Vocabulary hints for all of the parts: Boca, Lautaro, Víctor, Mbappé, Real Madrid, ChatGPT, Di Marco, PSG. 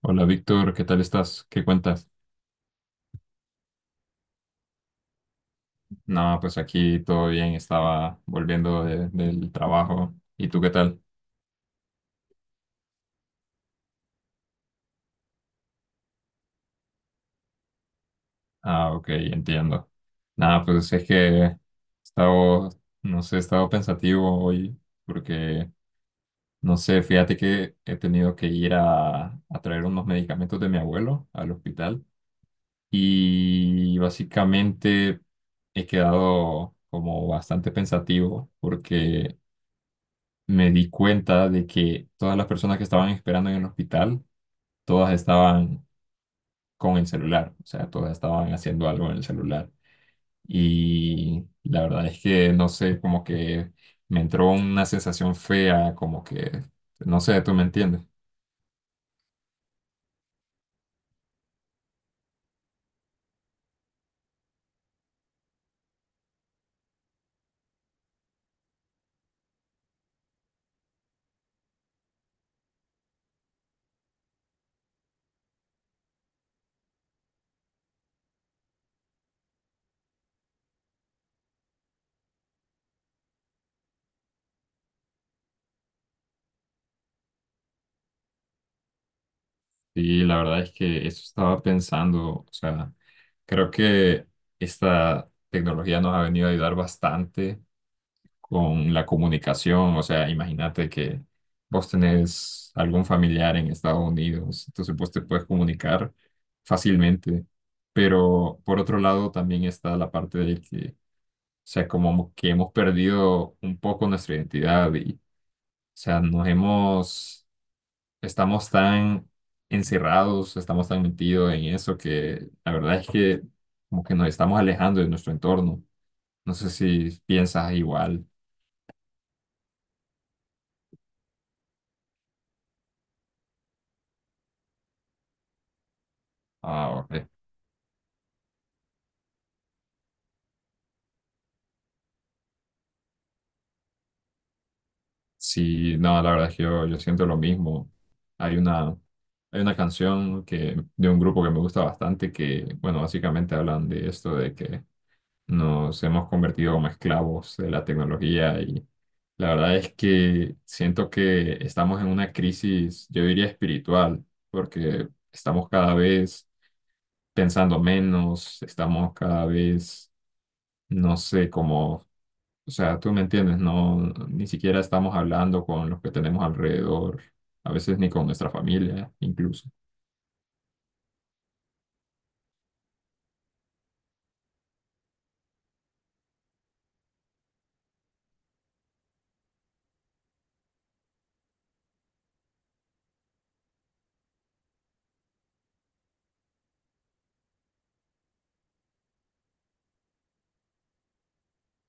Hola Víctor, ¿qué tal estás? ¿Qué cuentas? No, pues aquí todo bien, estaba volviendo del trabajo. ¿Y tú qué tal? Ah, ok, entiendo. Nada, pues es que he estado, no sé, he estado pensativo hoy porque, no sé, fíjate que he tenido que ir a traer unos medicamentos de mi abuelo al hospital y básicamente he quedado como bastante pensativo porque me di cuenta de que todas las personas que estaban esperando en el hospital, todas estaban con el celular, o sea, todas estaban haciendo algo en el celular. Y la verdad es que, no sé, como que me entró una sensación fea, como que, no sé, tú me entiendes. Y la verdad es que eso estaba pensando, o sea, creo que esta tecnología nos ha venido a ayudar bastante con la comunicación. O sea, imagínate que vos tenés algún familiar en Estados Unidos, entonces vos te puedes comunicar fácilmente. Pero por otro lado también está la parte de que, o sea, como que hemos perdido un poco nuestra identidad y, o sea, nos hemos, estamos tan encerrados, estamos tan metidos en eso que la verdad es que como que nos estamos alejando de nuestro entorno. No sé si piensas igual. Ah, ok. Sí, no, la verdad es que yo siento lo mismo. Hay una, hay una canción que, de un grupo que me gusta bastante que, bueno, básicamente hablan de esto, de que nos hemos convertido como esclavos de la tecnología y la verdad es que siento que estamos en una crisis, yo diría espiritual, porque estamos cada vez pensando menos, estamos cada vez, no sé, como o sea, tú me entiendes, no, ni siquiera estamos hablando con los que tenemos alrededor, a veces ni con nuestra familia, incluso.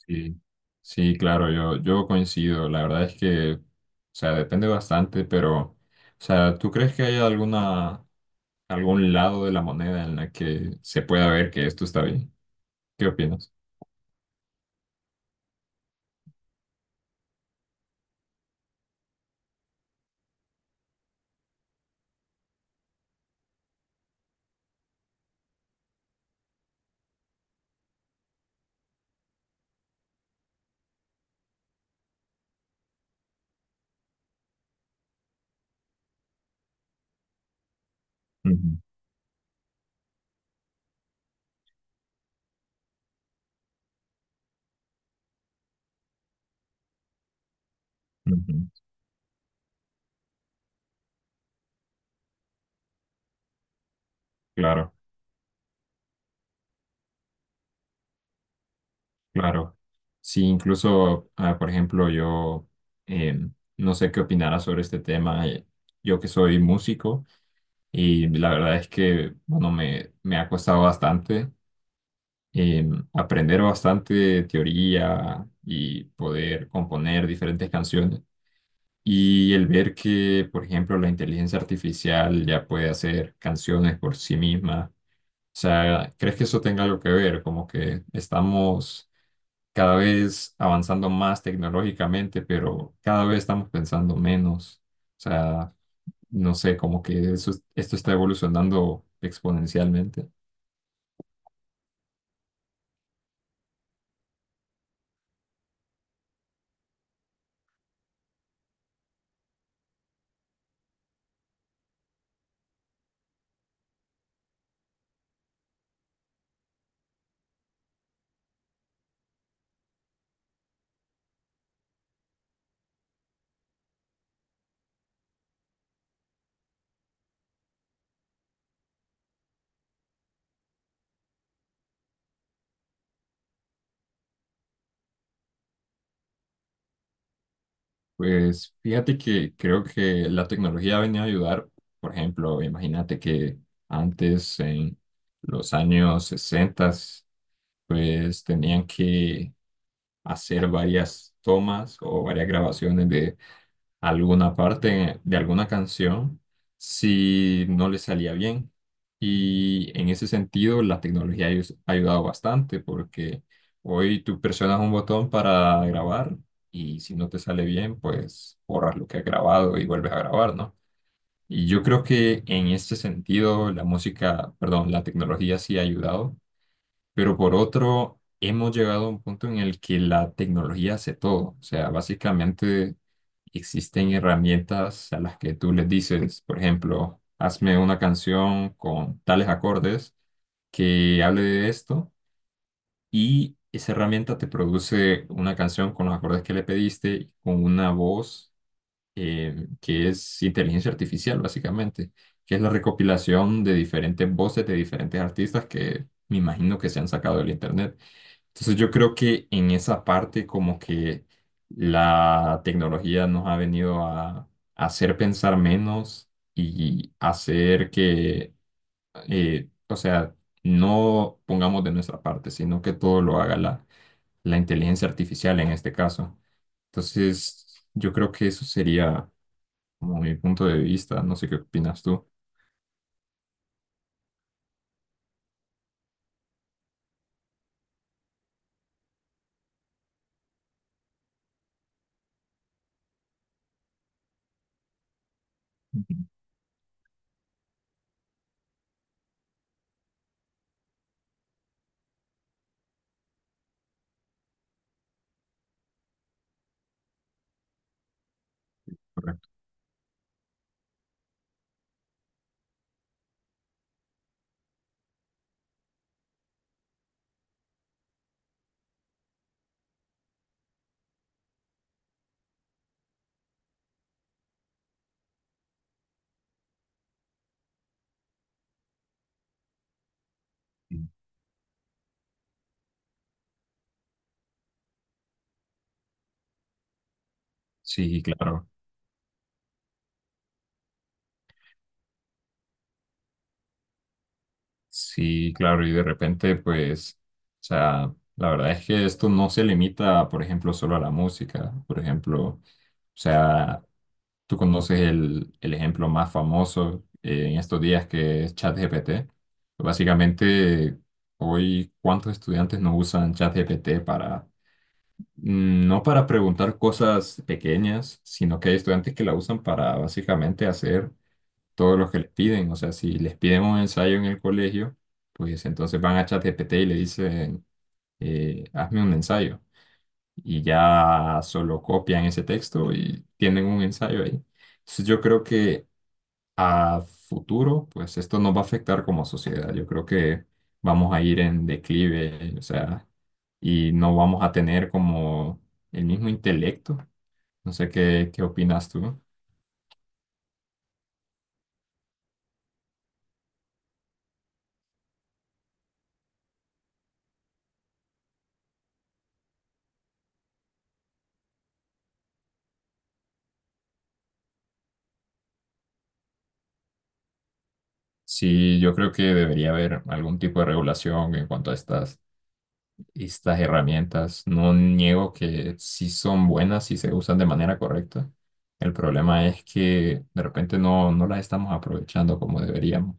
Sí, sí, claro, yo coincido. La verdad es que, o sea, depende bastante, pero, o sea, ¿tú crees que hay algún lado de la moneda en la que se pueda ver que esto está bien? ¿Qué opinas? Ujú, ujú. Claro. Claro. Sí, incluso, ah, por ejemplo, yo eh, no sé qué opinarás sobre este tema. Yo que soy músico y la verdad es que, bueno, me ha costado bastante aprender bastante teoría y poder componer diferentes canciones. Y el ver que, por ejemplo, la inteligencia artificial ya puede hacer canciones por sí misma. O sea, ¿crees que eso tenga algo que ver? Como que estamos cada vez avanzando más tecnológicamente, pero cada vez estamos pensando menos. O sea, no sé, como que eso, esto está evolucionando exponencialmente. Pues fíjate que creo que la tecnología ha venido a ayudar. Por ejemplo, imagínate que antes, en los años 60, pues tenían que hacer varias tomas o varias grabaciones de alguna parte de alguna canción si no le salía bien. Y en ese sentido, la tecnología ha ayudado bastante porque hoy tú presionas un botón para grabar y si no te sale bien, pues borras lo que has grabado y vuelves a grabar, ¿no? Y yo creo que en este sentido la música, perdón, la tecnología sí ha ayudado, pero por otro, hemos llegado a un punto en el que la tecnología hace todo. O sea, básicamente existen herramientas a las que tú les dices, por ejemplo, hazme una canción con tales acordes que hable de esto, y esa herramienta te produce una canción con los acordes que le pediste, y con una voz que es inteligencia artificial, básicamente, que es la recopilación de diferentes voces de diferentes artistas que me imagino que se han sacado del internet. Entonces yo creo que en esa parte como que la tecnología nos ha venido a hacer pensar menos y hacer que, o sea, no pongamos de nuestra parte, sino que todo lo haga la inteligencia artificial en este caso. Entonces yo creo que eso sería como mi punto de vista. No sé qué opinas tú. Ujú, correcto. Sí, claro. Sí, claro, y de repente, pues, o sea, la verdad es que esto no se limita, por ejemplo, solo a la música. Por ejemplo, o sea, tú conoces el ejemplo más famoso en estos días que es ChatGPT. Básicamente, hoy, ¿cuántos estudiantes no usan ChatGPT para, no para preguntar cosas pequeñas, sino que hay estudiantes que la usan para básicamente hacer todo lo que les piden. O sea, si les piden un ensayo en el colegio, pues entonces van a ChatGPT y le dicen, hazme un ensayo. Y ya solo copian ese texto y tienen un ensayo ahí. Entonces yo creo que a futuro, pues esto nos va a afectar como sociedad. Yo creo que vamos a ir en declive, o sea, y no vamos a tener como el mismo intelecto. No sé qué opinas tú. Sí, yo creo que debería haber algún tipo de regulación en cuanto a estas herramientas. No niego que sí son buenas si se usan de manera correcta. El problema es que de repente no las estamos aprovechando como deberíamos.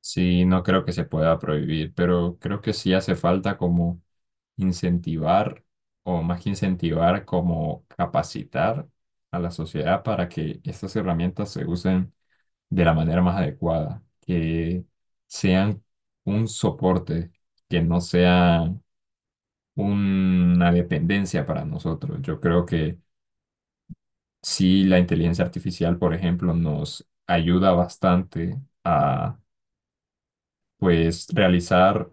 Sí, no creo que se pueda prohibir, pero creo que sí hace falta como incentivar, o más que incentivar, como capacitar a la sociedad para que estas herramientas se usen de la manera más adecuada, que sean un soporte, que no sean una dependencia para nosotros. Yo creo que sí, la inteligencia artificial, por ejemplo, nos ayuda bastante a, pues, realizar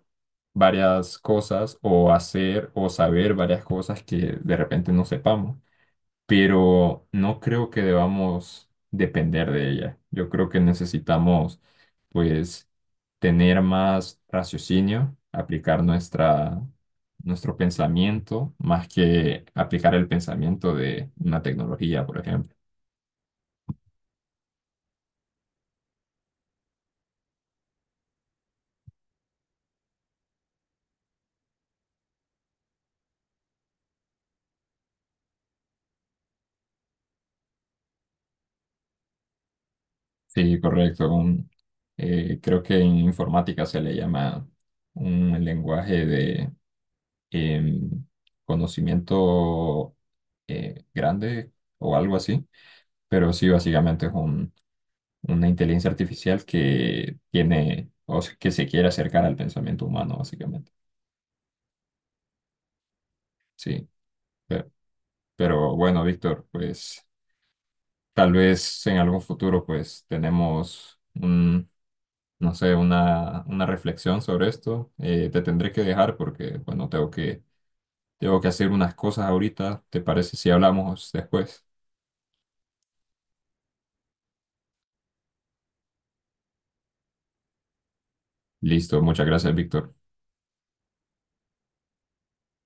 varias cosas o hacer o saber varias cosas que de repente no sepamos, pero no creo que debamos depender de ella. Yo creo que necesitamos, pues, tener más raciocinio, aplicar nuestro pensamiento, más que aplicar el pensamiento de una tecnología, por ejemplo. Sí, correcto. Creo que en informática se le llama un lenguaje de em, conocimiento grande o algo así. Pero sí, básicamente es una inteligencia artificial que tiene, o sea, que se quiere acercar al pensamiento humano, básicamente. Sí, pero, pero bueno, Víctor, pues tal vez en algún futuro pues tenemos un, no sé, una reflexión sobre esto. Te tendré que dejar porque, bueno, tengo que hacer unas cosas ahorita. ¿Te parece si hablamos después? Listo, muchas gracias, Víctor.